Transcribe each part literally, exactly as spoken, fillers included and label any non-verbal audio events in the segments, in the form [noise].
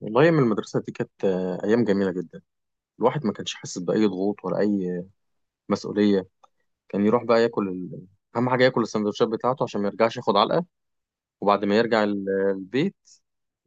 والله أيام المدرسة دي كانت آه، أيام جميلة جدا. الواحد ما كانش حاسس بأي ضغوط ولا أي مسؤولية. كان يروح بقى ياكل ال... أهم حاجة ياكل السندوتشات بتاعته عشان ما يرجعش ياخد علقة. وبعد ما يرجع ال- البيت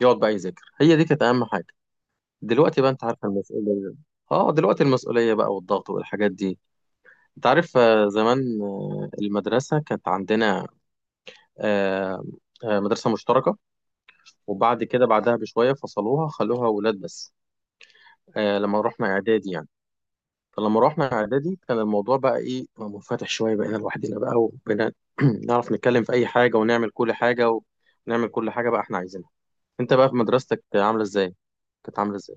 يقعد بقى يذاكر. هي دي كانت أهم حاجة. دلوقتي بقى أنت عارف المسؤولية، آه دلوقتي المسؤولية بقى والضغط والحاجات دي. أنت عارف، آه، زمان، آه، المدرسة كانت عندنا، آه، آه، مدرسة مشتركة. وبعد كده بعدها بشوية فصلوها خلوها ولاد بس. آه، لما رحنا إعدادي يعني. فلما روحنا اعدادي كان الموضوع بقى ايه، منفتح شويه، بقينا لوحدنا بقى وبقينا [clears throat] نعرف نتكلم في اي حاجه ونعمل كل حاجه، ونعمل كل حاجه بقى احنا عايزينها. انت بقى في مدرستك عامله ازاي؟ كانت عامله ازاي؟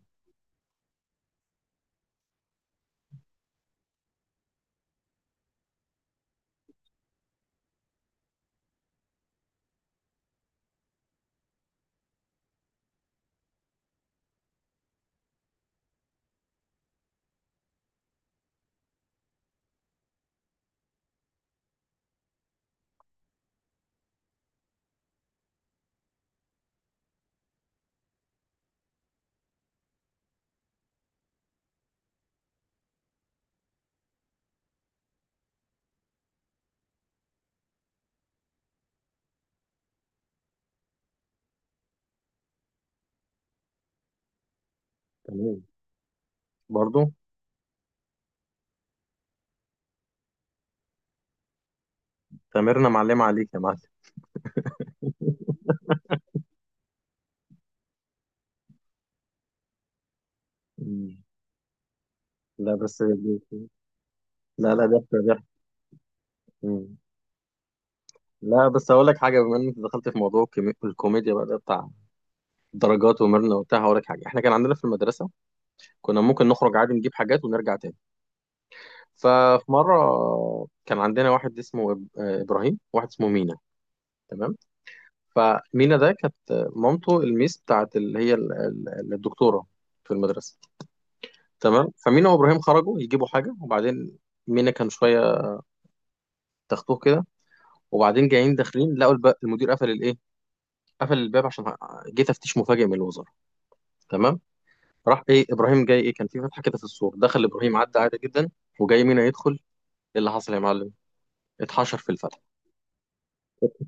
تمام. برضو. تمرنا معلمه عليك يا معلم. مم. لا بس. لا لا، ضحك ضحك. مم. لا، بس اقول لك حاجه، بما ان انت دخلت في موضوع الكيمي- الكوميديا بقى ده بتاع درجات ومرنه وبتاع، هقول لك حاجه. احنا كان عندنا في المدرسه كنا ممكن نخرج عادي نجيب حاجات ونرجع تاني. ففي مرة كان عندنا واحد اسمه إب- آه، إبراهيم، واحد اسمه مينا. تمام. فمينا ده كانت مامته الميس بتاعت، اللي هي ال- ال- الدكتورة في المدرسة. تمام. فمينا وإبراهيم خرجوا يجيبوا حاجة، وبعدين مينا كان شوية تختوه كده. وبعدين جايين داخلين لقوا الب- المدير قفل الإيه قفل الباب، عشان ه- جه تفتيش مفاجئ من الوزارة. تمام. راح إيه إبراهيم جاي إيه، كان في فتحة كده في السور، دخل إبراهيم عدى عادي جدا. وجاي مينا يدخل إيه، اللي حصل يا معلم، اتحشر في الفتحة.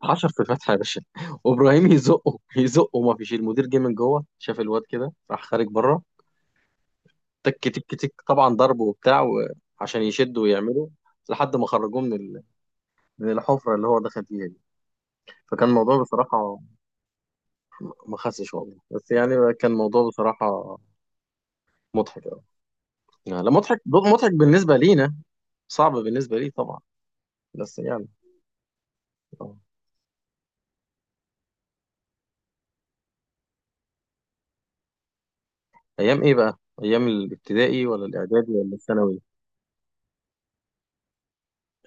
حشر في الفتحة يا باشا. وابراهيم يزقه يزقه، ما فيش. المدير جه من جوه شاف الواد كده راح خارج بره. تك تك تك، طبعا ضرب وبتاع و- عشان يشدوا ويعملوا لحد ما خرجوه من ال- من الحفرة اللي هو دخل فيها دي. فكان الموضوع بصراحة، ما خسش والله، بس يعني كان الموضوع بصراحة مضحك أوي. يعني لا، مضحك مضحك بالنسبة لينا، صعب بالنسبة لي طبعا. بس يعني. آه. أيام إيه بقى؟ أيام الابتدائي ولا الإعدادي ولا الثانوي؟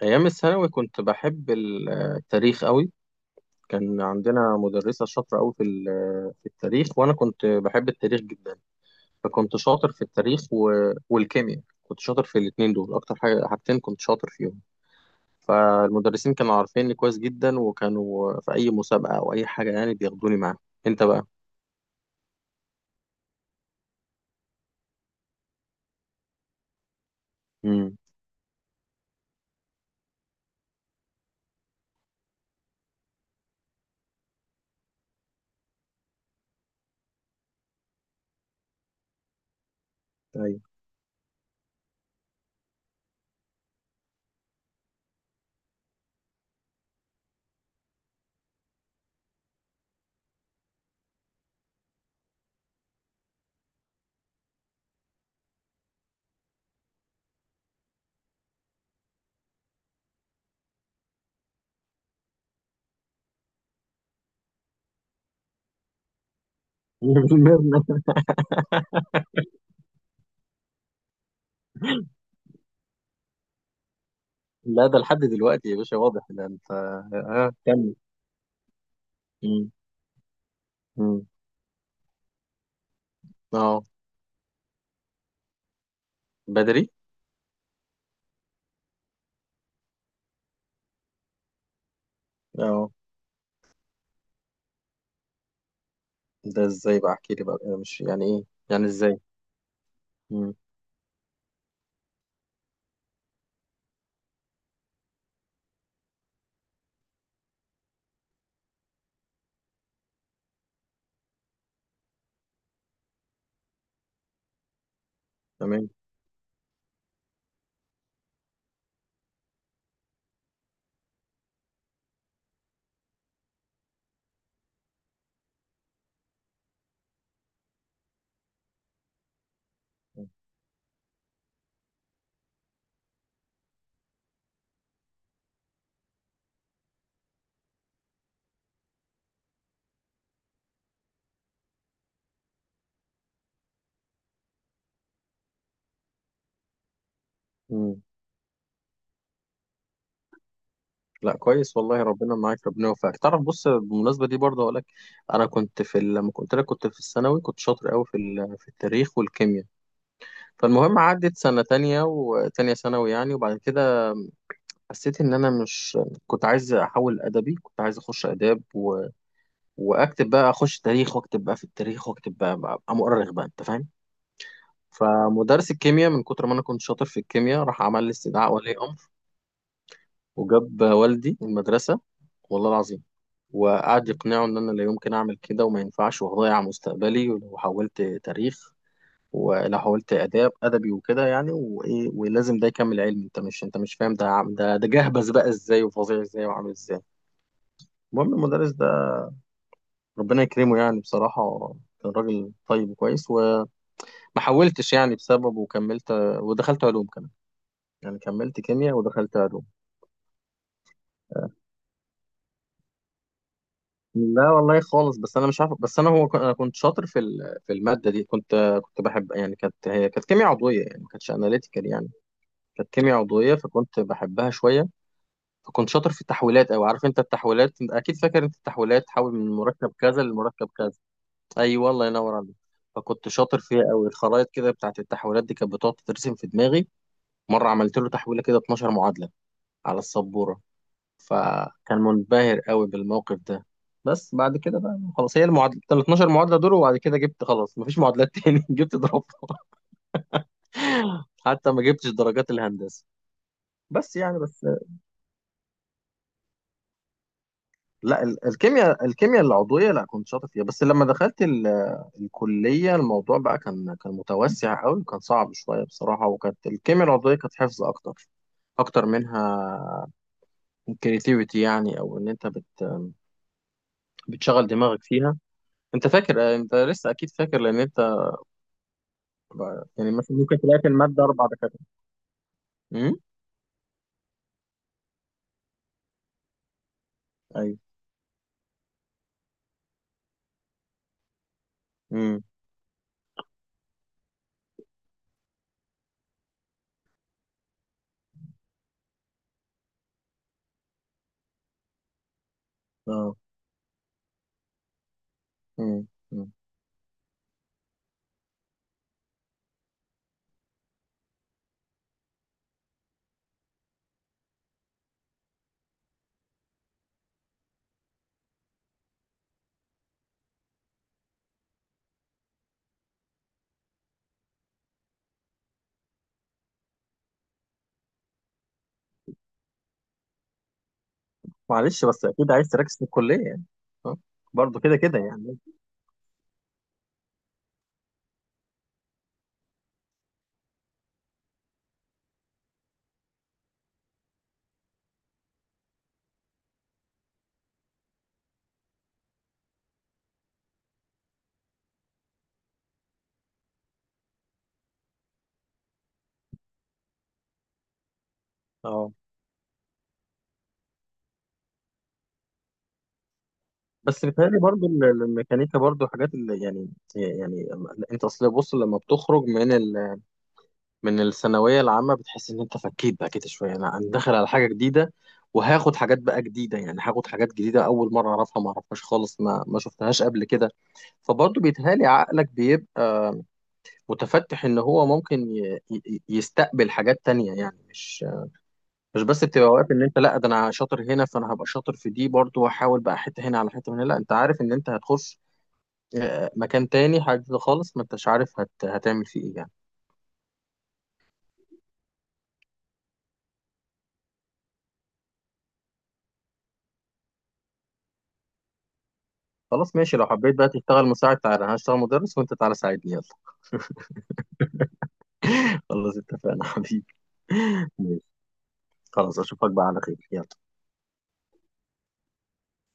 أيام الثانوي كنت بحب التاريخ أوي. كان عندنا مدرسة شاطرة أوي في ال- في التاريخ، وأنا كنت بحب التاريخ جدا. فكنت شاطر في التاريخ و... والكيمياء، كنت شاطر في الاتنين دول. أكتر حاجة حاجتين كنت شاطر فيهم. فالمدرسين كانوا عارفيني كويس جدا، وكانوا في أي مسابقة أو أي حاجة يعني بياخدوني معاهم. أنت بقى؟ امم. أيوه. [laughs] لا ده لحد دلوقتي يا باشا واضح ده، أنت آه آه، كمل. مم. مم. أه. بدري؟ أه. ده إزاي بقى؟ أحكي لي بقى، أنا مش يعني إيه؟ يعني إزاي؟ مم. تمام. مم. لا كويس والله، ربنا معاك، ربنا يوفقك. تعرف، بص، بالمناسبه دي برضه اقول لك، انا كنت في ال- لما قلت لك كنت في الثانوي، كنت شاطر قوي في ال- في التاريخ والكيمياء. فالمهم عدت سنه تانية وتانية ثانوي يعني، وبعد كده حسيت ان انا مش. كنت عايز احول ادبي، كنت عايز اخش اداب و... واكتب بقى، اخش تاريخ واكتب بقى في التاريخ، واكتب بقى بقى- ابقى مؤرخ بقى، انت فاهم. فمدرس الكيمياء، من كتر ما انا كنت شاطر في الكيمياء، راح عمل لي استدعاء ولي امر، وجاب والدي المدرسه. والله العظيم. وقعد يقنعه ان انا لا يمكن اعمل كده، وما ينفعش، وهضيع مستقبلي ولو حولت تاريخ، ولو حولت اداب ادبي وكده، يعني وايه، ولازم ده يكمل علم، انت مش انت مش فاهم، ده عم- ده ده جهبذ بقى ازاي، وفظيع ازاي، وعامل ازاي. المهم المدرس ده ربنا يكرمه، يعني بصراحة كان راجل طيب وكويس، وما حولتش يعني بسببه، وكملت ودخلت علوم كمان. يعني كملت كيمياء ودخلت علوم. لا والله خالص، بس انا مش عارف، بس انا هو ك- انا كنت شاطر في ال- في الماده دي، كنت كنت بحب يعني، كانت هي كانت كيمياء عضويه يعني، ما كانتش اناليتيكال يعني، كانت كيمياء عضويه، فكنت بحبها شويه. فكنت شاطر في التحويلات، او عارف انت التحويلات، أنت اكيد فاكر انت التحويلات، تحول من مركب كذا لمركب كذا. ايوه الله ينور عليك. فكنت شاطر فيها قوي، الخرائط كده بتاعت التحويلات دي كانت بتقعد تترسم في دماغي. مره عملت له تحويله كده اتناشر معادله على السبوره. فكان منبهر قوي بالموقف ده. بس بعد كده بقى خلاص، هي المعادله ال اتناشر معادله دول، وبعد كده جبت خلاص مفيش معادلات تاني [laughs] جبت ضربها. حتى ما جبتش درجات الهندسه. بس يعني، بس لا، ال- الكيمياء الكيمياء العضويه لا كنت شاطر فيها، بس لما دخلت ال- الكليه الموضوع بقى كان كان متوسع قوي، وكان صعب شويه بصراحه. وكانت الكيمياء العضويه كانت حفظ اكتر اكتر منها كريتيفيتي يعني، او ان انت بت بتشغل دماغك فيها. انت فاكر، انت لسه اكيد فاكر لان انت بقى- يعني مثلا ممكن تلاقي في المادة أربع دكاترة. امم. أيوه. امم. أه. امم. أمم. معلش، بس أكيد عايز تركز في الكلية يعني. أه. برضه كده كده يعني. أه. بس بيتهيألي برضه ال- ال- الميكانيكا برضه حاجات اللي يعني، يعني ال- أنت أصل بص، لما بتخرج من ال من الثانوية العامة، بتحس إن أنت فكيت بقى كده شوية، أنا أنا داخل على حاجة جديدة، وهاخد حاجات بقى جديدة، يعني هاخد حاجات جديدة أول مرة أعرفها، ما أعرفهاش خالص، ما ما شفتهاش قبل كده. فبرضه بيتهيألي عقلك بيبقى متفتح، ان هو ممكن ي- ي- يستقبل حاجات تانية، يعني مش مش بس بتبقى واقف ان انت لا ده انا شاطر هنا فانا هبقى شاطر في دي برضو، واحاول بقى حته هنا على حته هنا. لا، انت عارف ان انت هتخش آه، مكان تاني، حاجه جديدة خالص، ما انتش عارف هت... هتعمل فيه ايه يعني. خلاص ماشي، لو حبيت بقى تشتغل مساعد تعالى، انا هشتغل مدرس وانت تعالى ساعدني، يلا. [laughs] خلاص اتفقنا حبيبي. [laughs] ماشي. خلاص اشوفك بقى على خير، يلا.